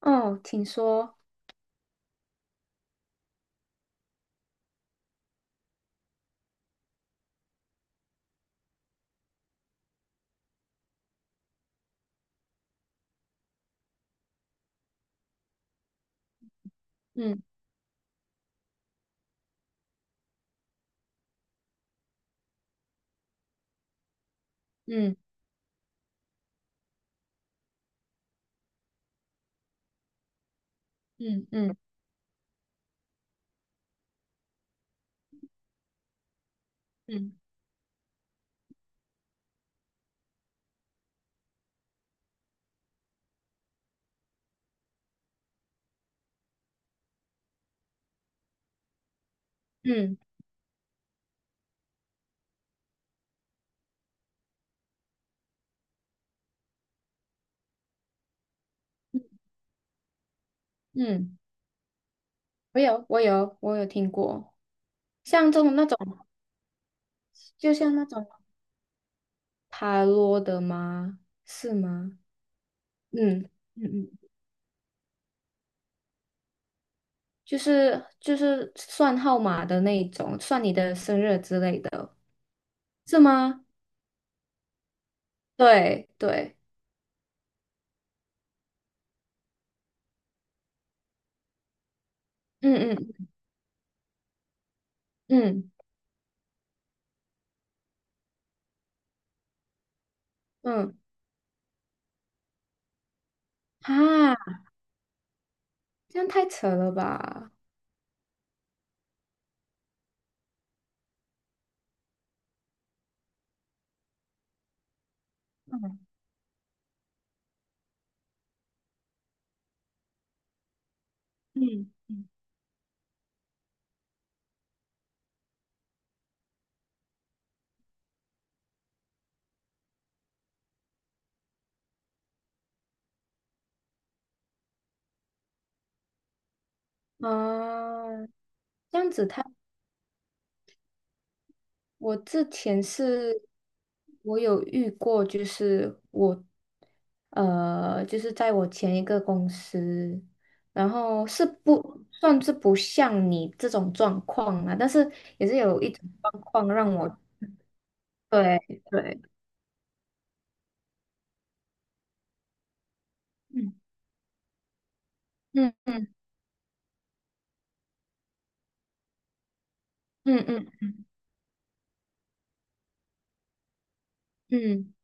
哦，请说。嗯嗯嗯嗯嗯嗯嗯，嗯我有听过，像这种那种，就像那种塔罗的吗？是吗？嗯嗯嗯，就是算号码的那一种，算你的生日之类的，是吗？对对，嗯嗯嗯嗯，啊，这样太扯了吧？嗯嗯嗯啊，这样子。我之前是，我有遇过，就是我，就是在我前一个公司，然后是不算是不像你这种状况啊，但是也是有一种状况让我，对对，嗯嗯嗯嗯嗯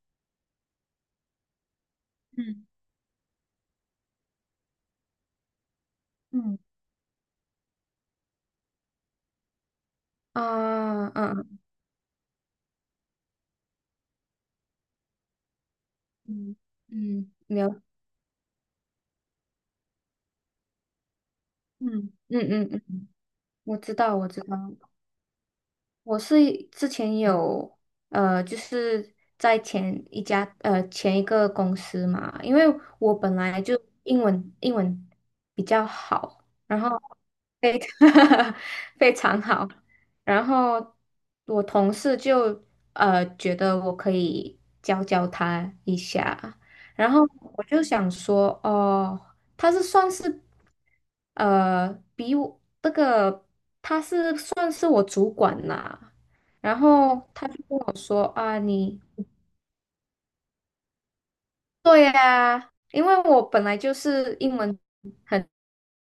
嗯嗯嗯啊啊嗯嗯，了，嗯嗯嗯嗯，我知道我知道，我是之前有就是在前一个公司嘛，因为我本来就英文比较好，然后非 非常好，然后我同事就觉得我可以教教他一下，然后我就想说哦。他是算是呃比我这个他是算是我主管啦，然后他就跟我说啊，你对呀、因为我本来就是英文很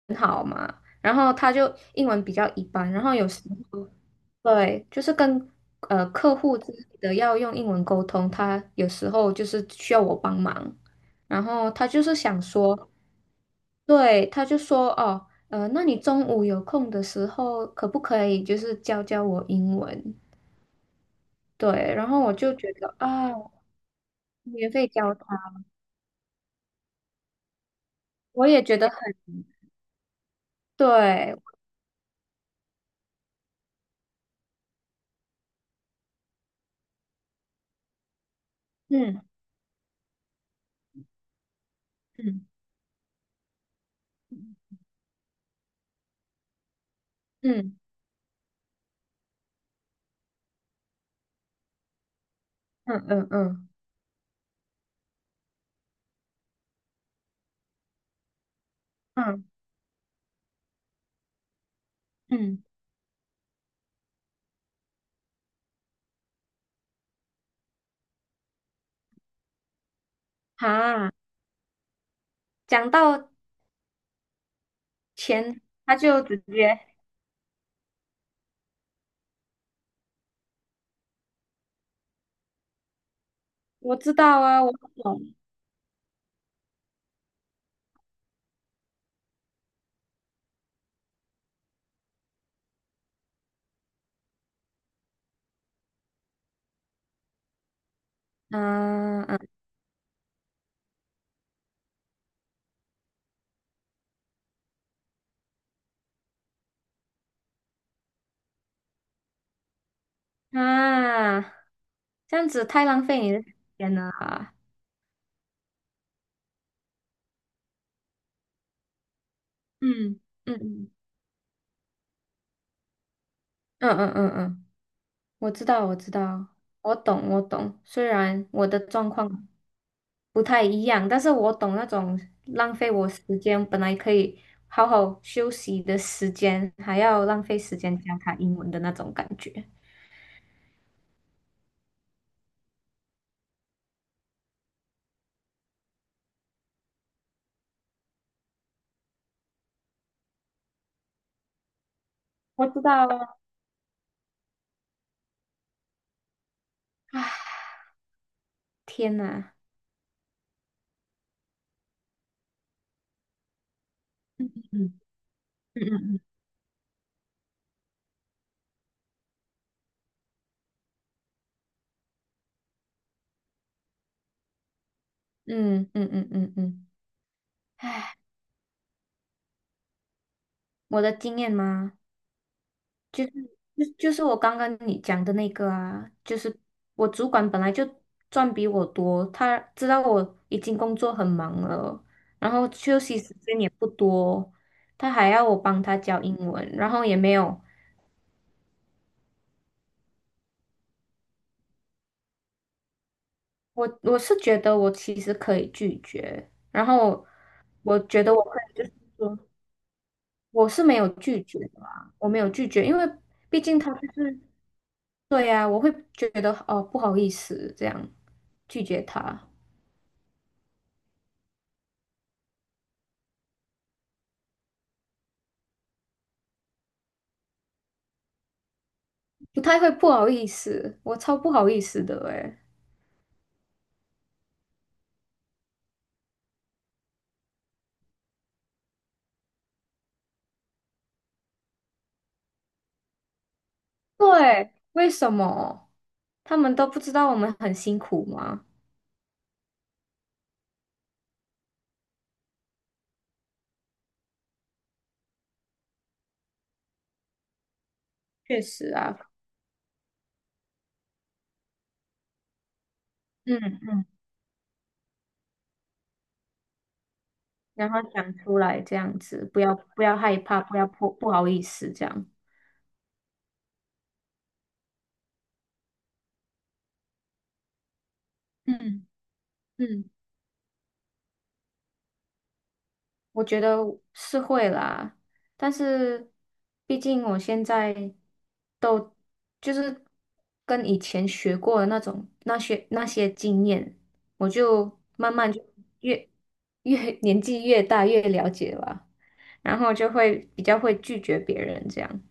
很好嘛，然后他就英文比较一般，然后有时候对，就是跟客户之类的要用英文沟通，他有时候就是需要我帮忙，然后他就是想说。对，他就说哦，那你中午有空的时候，可不可以就是教教我英文？对，然后我就觉得啊，免费教他，我也觉得很对，嗯嗯嗯嗯嗯嗯嗯嗯，啊，讲到钱，他就直接我知道啊，我懂啊啊啊，这样子太浪费你的时间了啊，嗯嗯嗯嗯嗯嗯。我知道，我知道，我懂，我懂。虽然我的状况不太一样，但是我懂那种浪费我时间，本来可以好好休息的时间，还要浪费时间教他英文的那种感觉。我知道啊，天哪！嗯嗯嗯嗯嗯嗯嗯嗯嗯，唉，我的经验吗？就是我刚刚你讲的那个啊，就是我主管本来就赚比我多，他知道我已经工作很忙了，然后休息时间也不多，他还要我帮他教英文，然后也没有，我是觉得我其实可以拒绝，然后我觉得我可以就是说我是没有拒绝的啊，我没有拒绝，因为毕竟他就是对呀、啊我会觉得哦不好意思这样拒绝他。不太会不好意思，我超不好意思的诶。对，为什么？他们都不知道我们很辛苦吗？确实啊，嗯嗯，然后讲出来这样子，不要害怕，不要不好意思这样，嗯嗯。我觉得是会啦，但是毕竟我现在都就是跟以前学过的那种那些经验，我就慢慢就越越年纪越大越了解吧，然后就会比较会拒绝别人这样。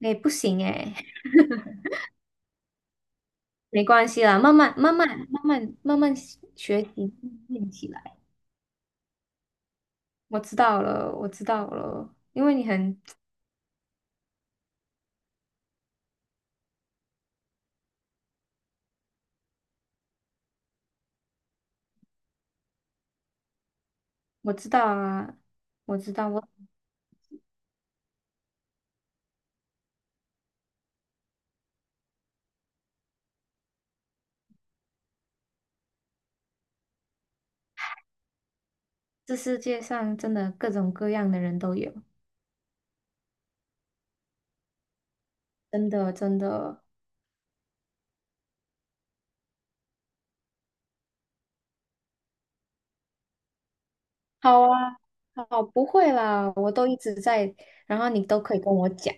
哎，不行哎，没关系啦，慢慢慢慢慢慢慢慢学习练起来。我知道了，我知道了，因为我知道啊，我知道，我这世界上真的各种各样的人都有，真的真的。好啊，好，不会啦，我都一直在，然后你都可以跟我讲。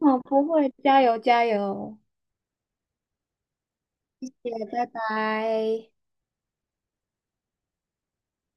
好不会，加油加油，谢谢，拜拜。